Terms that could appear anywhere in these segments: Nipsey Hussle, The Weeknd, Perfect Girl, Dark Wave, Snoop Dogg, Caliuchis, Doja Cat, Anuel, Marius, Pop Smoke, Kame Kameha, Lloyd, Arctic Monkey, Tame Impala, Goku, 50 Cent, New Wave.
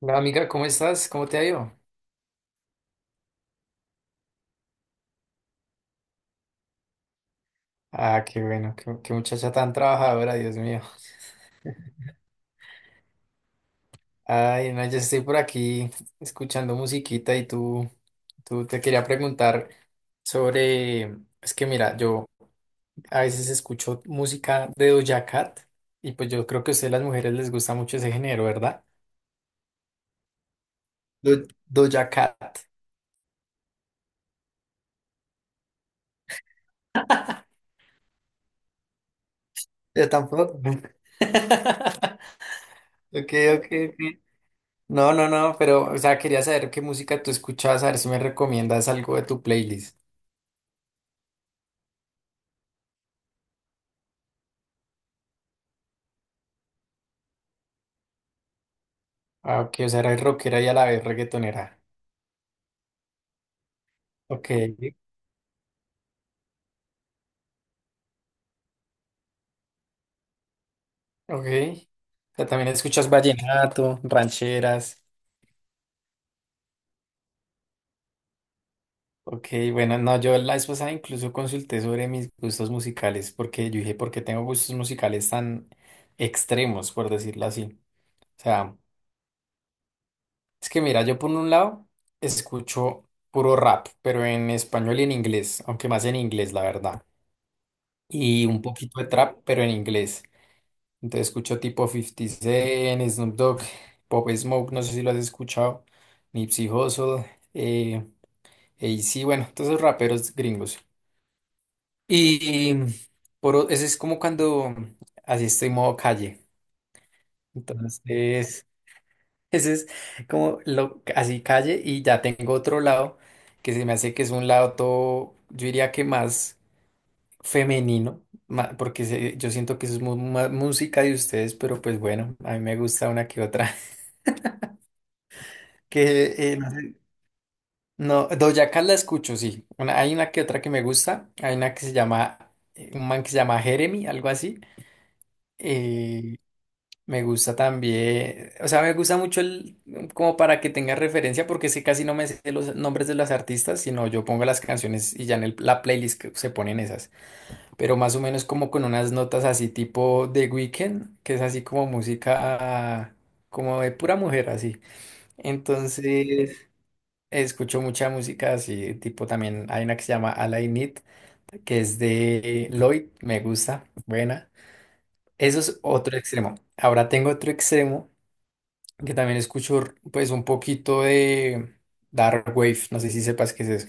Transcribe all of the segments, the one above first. Hola amiga, ¿cómo estás? ¿Cómo te ha ido? Ah, qué bueno, qué muchacha tan trabajadora, Dios mío. Ay, no, yo estoy por aquí escuchando musiquita y tú te quería preguntar sobre, es que mira, yo a veces escucho música de Doja Cat y pues yo creo que a ustedes las mujeres les gusta mucho ese género, ¿verdad? Doja Cat. Yo tampoco. Ok, ok, ok. No, no, no, pero, o sea, quería saber qué música tú escuchabas, a ver si me recomiendas algo de tu playlist. Ah, ok, o sea, eres rockera y a la vez reggaetonera. Ok, ok. O sea, también escuchas vallenato, rancheras. Ok, bueno, no, yo la vez pasada incluso consulté sobre mis gustos musicales, porque yo dije, ¿por qué tengo gustos musicales tan extremos, por decirlo así? O sea, es que mira, yo por un lado escucho puro rap, pero en español y en inglés, aunque más en inglés, la verdad. Y un poquito de trap, pero en inglés. Entonces escucho tipo 50 Cent, Snoop Dogg, Pop Smoke, no sé si lo has escuchado, Nipsey Hussle, eh, AC, bueno, todos esos raperos gringos. Y ese es como cuando así estoy modo calle. Entonces, ese es como lo, así calle, y ya tengo otro lado que se me hace que es un lado todo, yo diría que más femenino, yo siento que eso es más música de ustedes, pero pues bueno, a mí me gusta una que otra. Que no, sé, no, Doja Cat la escucho, sí. Hay una que otra que me gusta. Hay una que se llama, un man que se llama Jeremy, algo así. Eh, Me gusta también, o sea, me gusta mucho el, como para que tenga referencia, porque sé casi no me sé los nombres de las artistas, sino yo pongo las canciones y ya en la playlist que se ponen esas. Pero más o menos como con unas notas así tipo The Weeknd, que es así como música, como de pura mujer, así. Entonces, escucho mucha música así, tipo también hay una que se llama All I Need, que es de Lloyd, me gusta, buena. Eso es otro extremo. Ahora tengo otro extremo que también escucho pues un poquito de Dark Wave, no sé si sepas qué es eso.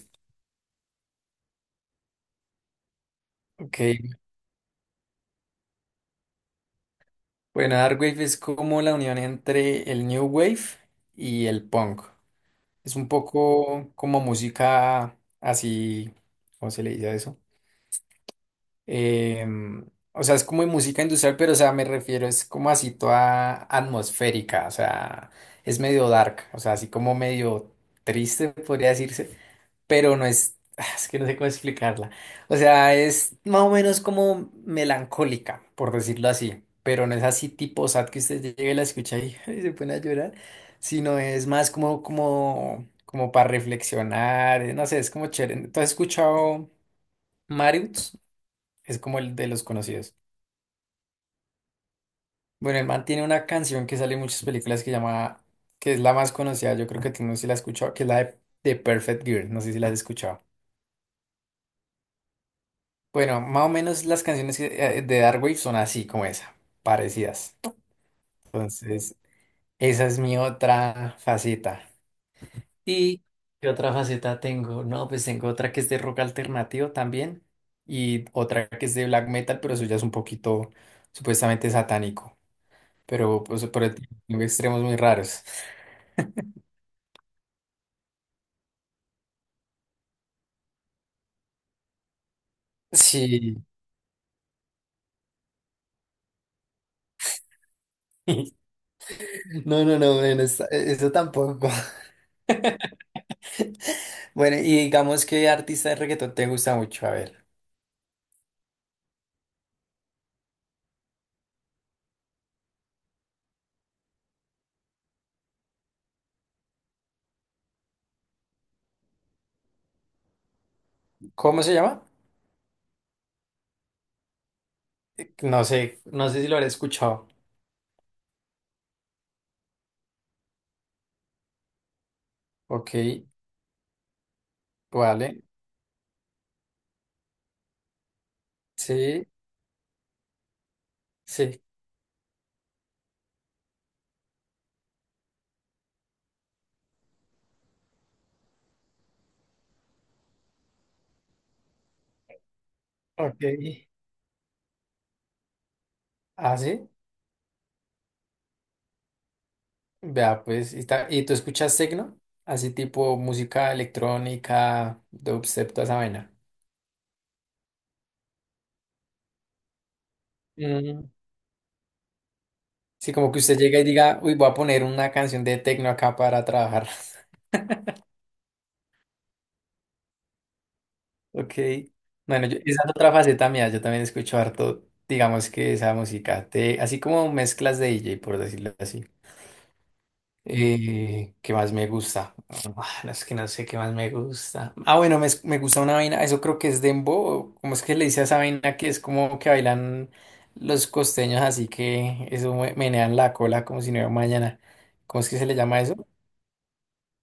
Ok, bueno, Dark Wave es como la unión entre el New Wave y el punk. Es un poco como música así, ¿cómo se le dice a eso? Em, o sea, es como música industrial, pero, o sea, me refiero, es como así toda atmosférica, o sea, es medio dark, o sea, así como medio triste, podría decirse, pero no es, es que no sé cómo explicarla. O sea, es más o menos como melancólica, por decirlo así, pero no es así tipo sad que usted llegue y la escucha y, y se pone a llorar, sino es más como, para reflexionar, no sé, es como chévere. ¿Tú has escuchado Marius? Es como el de los conocidos. Bueno, el man tiene una canción que sale en muchas películas que llama, que es la más conocida, yo creo que tú, no sé si la has escuchado, que es la de Perfect Girl, no sé si la has escuchado. Bueno, más o menos las canciones de Darkwave son así como esa, parecidas. Entonces, esa es mi otra faceta. ¿Y qué otra faceta tengo? No, pues tengo otra que es de rock alternativo también, y otra que es de black metal, pero eso ya es un poquito supuestamente satánico, pero pues tengo extremos muy raros. Sí. No, no, no, bueno, eso tampoco. Bueno, y digamos qué artista de reggaetón te gusta mucho. A ver, ¿cómo se llama? No sé, no sé si lo habré escuchado. Ok, vale. Sí, sí. Ok. Ah, sí. Vea, pues, ¿y tú escuchas techno? Así tipo música electrónica, dubstep, toda esa vaina. Mm. Sí, como que usted llega y diga, uy, voy a poner una canción de techno acá para trabajar. Ok. Bueno, esa es otra faceta mía. Yo también escucho harto, digamos que esa música, así como mezclas de DJ, por decirlo así. ¿Qué más me gusta? Ah, no es que no sé qué más me gusta. Ah, bueno, me gusta una vaina, eso creo que es dembow. ¿Cómo es que le dice a esa vaina que es como que bailan los costeños, así que eso menean la cola como si no hubiera mañana? ¿Cómo es que se le llama eso?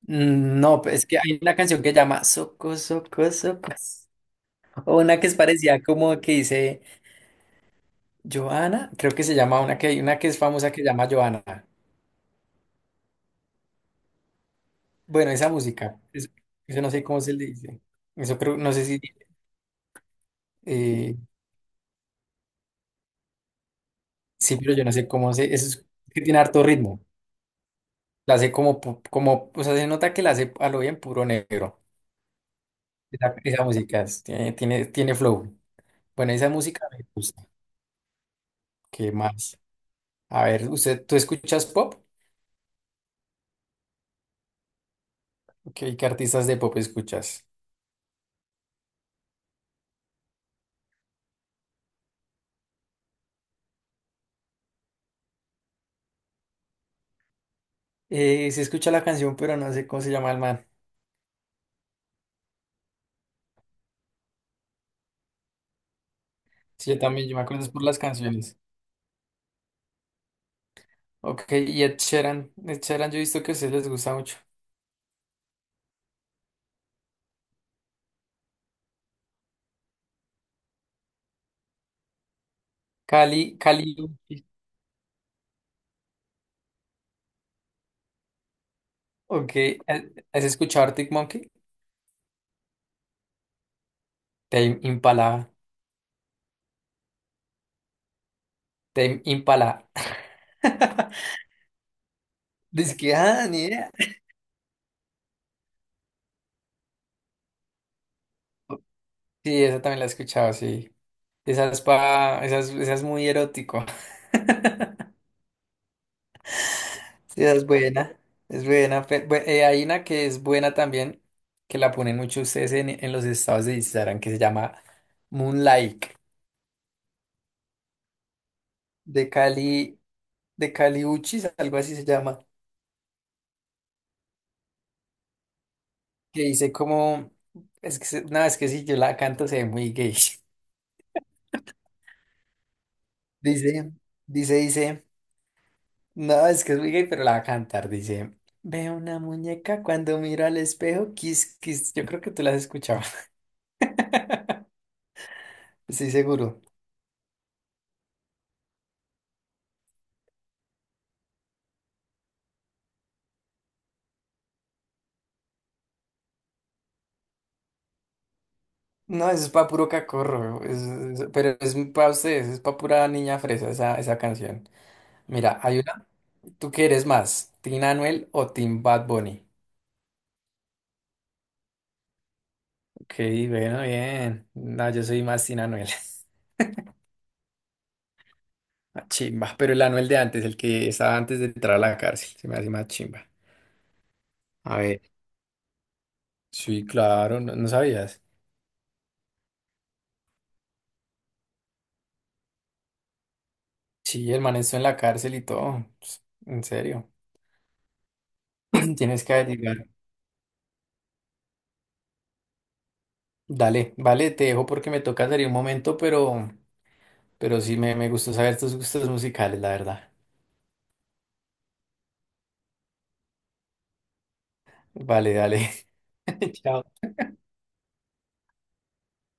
No, es que hay una canción que llama Soco, Soco, Soco. O una que es parecida como que dice Joana, creo que se llama, una que hay, una que es famosa que se llama Joana. Bueno, esa música, eso no sé cómo se le dice. Eso creo, no sé si, eh, sí, pero yo no sé cómo se, eso es que tiene harto ritmo. La hace como, como, o sea, se nota que la hace a lo bien puro negro. Esa música tiene, flow. Bueno, esa música me gusta. ¿Qué más? A ver, ¿ tú escuchas pop? Ok, ¿qué artistas de pop escuchas? Se escucha la canción, pero no sé cómo se llama el man. Sí, yo también, yo me acuerdo es por las canciones. Ok, y Ed Sheeran, Ed Sheeran, yo he visto que a ustedes les gusta mucho. Cali, Cali, Uchi. Ok, ¿has escuchado Arctic Monkey? Tame Impala, Tame Impala. Dice que, ah, ni idea. Sí, esa también la he escuchado, sí. Esa es muy erótico. Sí, esa es buena, es buena. Hay una que es buena también, que la ponen mucho ustedes en los estados de Instagram, que se llama Moonlight, de Cali. De Caliuchis, algo así se llama, que dice como, es que, no, es que si yo la canto se ve muy gay. Dice, Dice, no, es que es muy gay, pero la va a cantar, dice, veo una muñeca cuando miro al espejo, kiss, kiss, yo creo que tú la has escuchado, estoy seguro. No, eso es pa' puro cacorro, pero es para ustedes, es pa' pura niña fresa esa canción. Mira, hay una, ¿tú qué eres más, Tina Anuel o Team Bad Bunny? Ok, bueno, bien. No, yo soy más Tina Anuel. Ah, chimba, pero el Anuel de antes, el que estaba antes de entrar a la cárcel, se me hace más chimba. A ver, sí, claro, no, no sabías. Sí, el man estuvo en la cárcel y todo. Pues, en serio. Tienes que averiguar. Dale, vale, te dejo porque me toca salir un momento, pero, sí me gustó saber tus gustos musicales, la verdad. Vale, dale. Chao.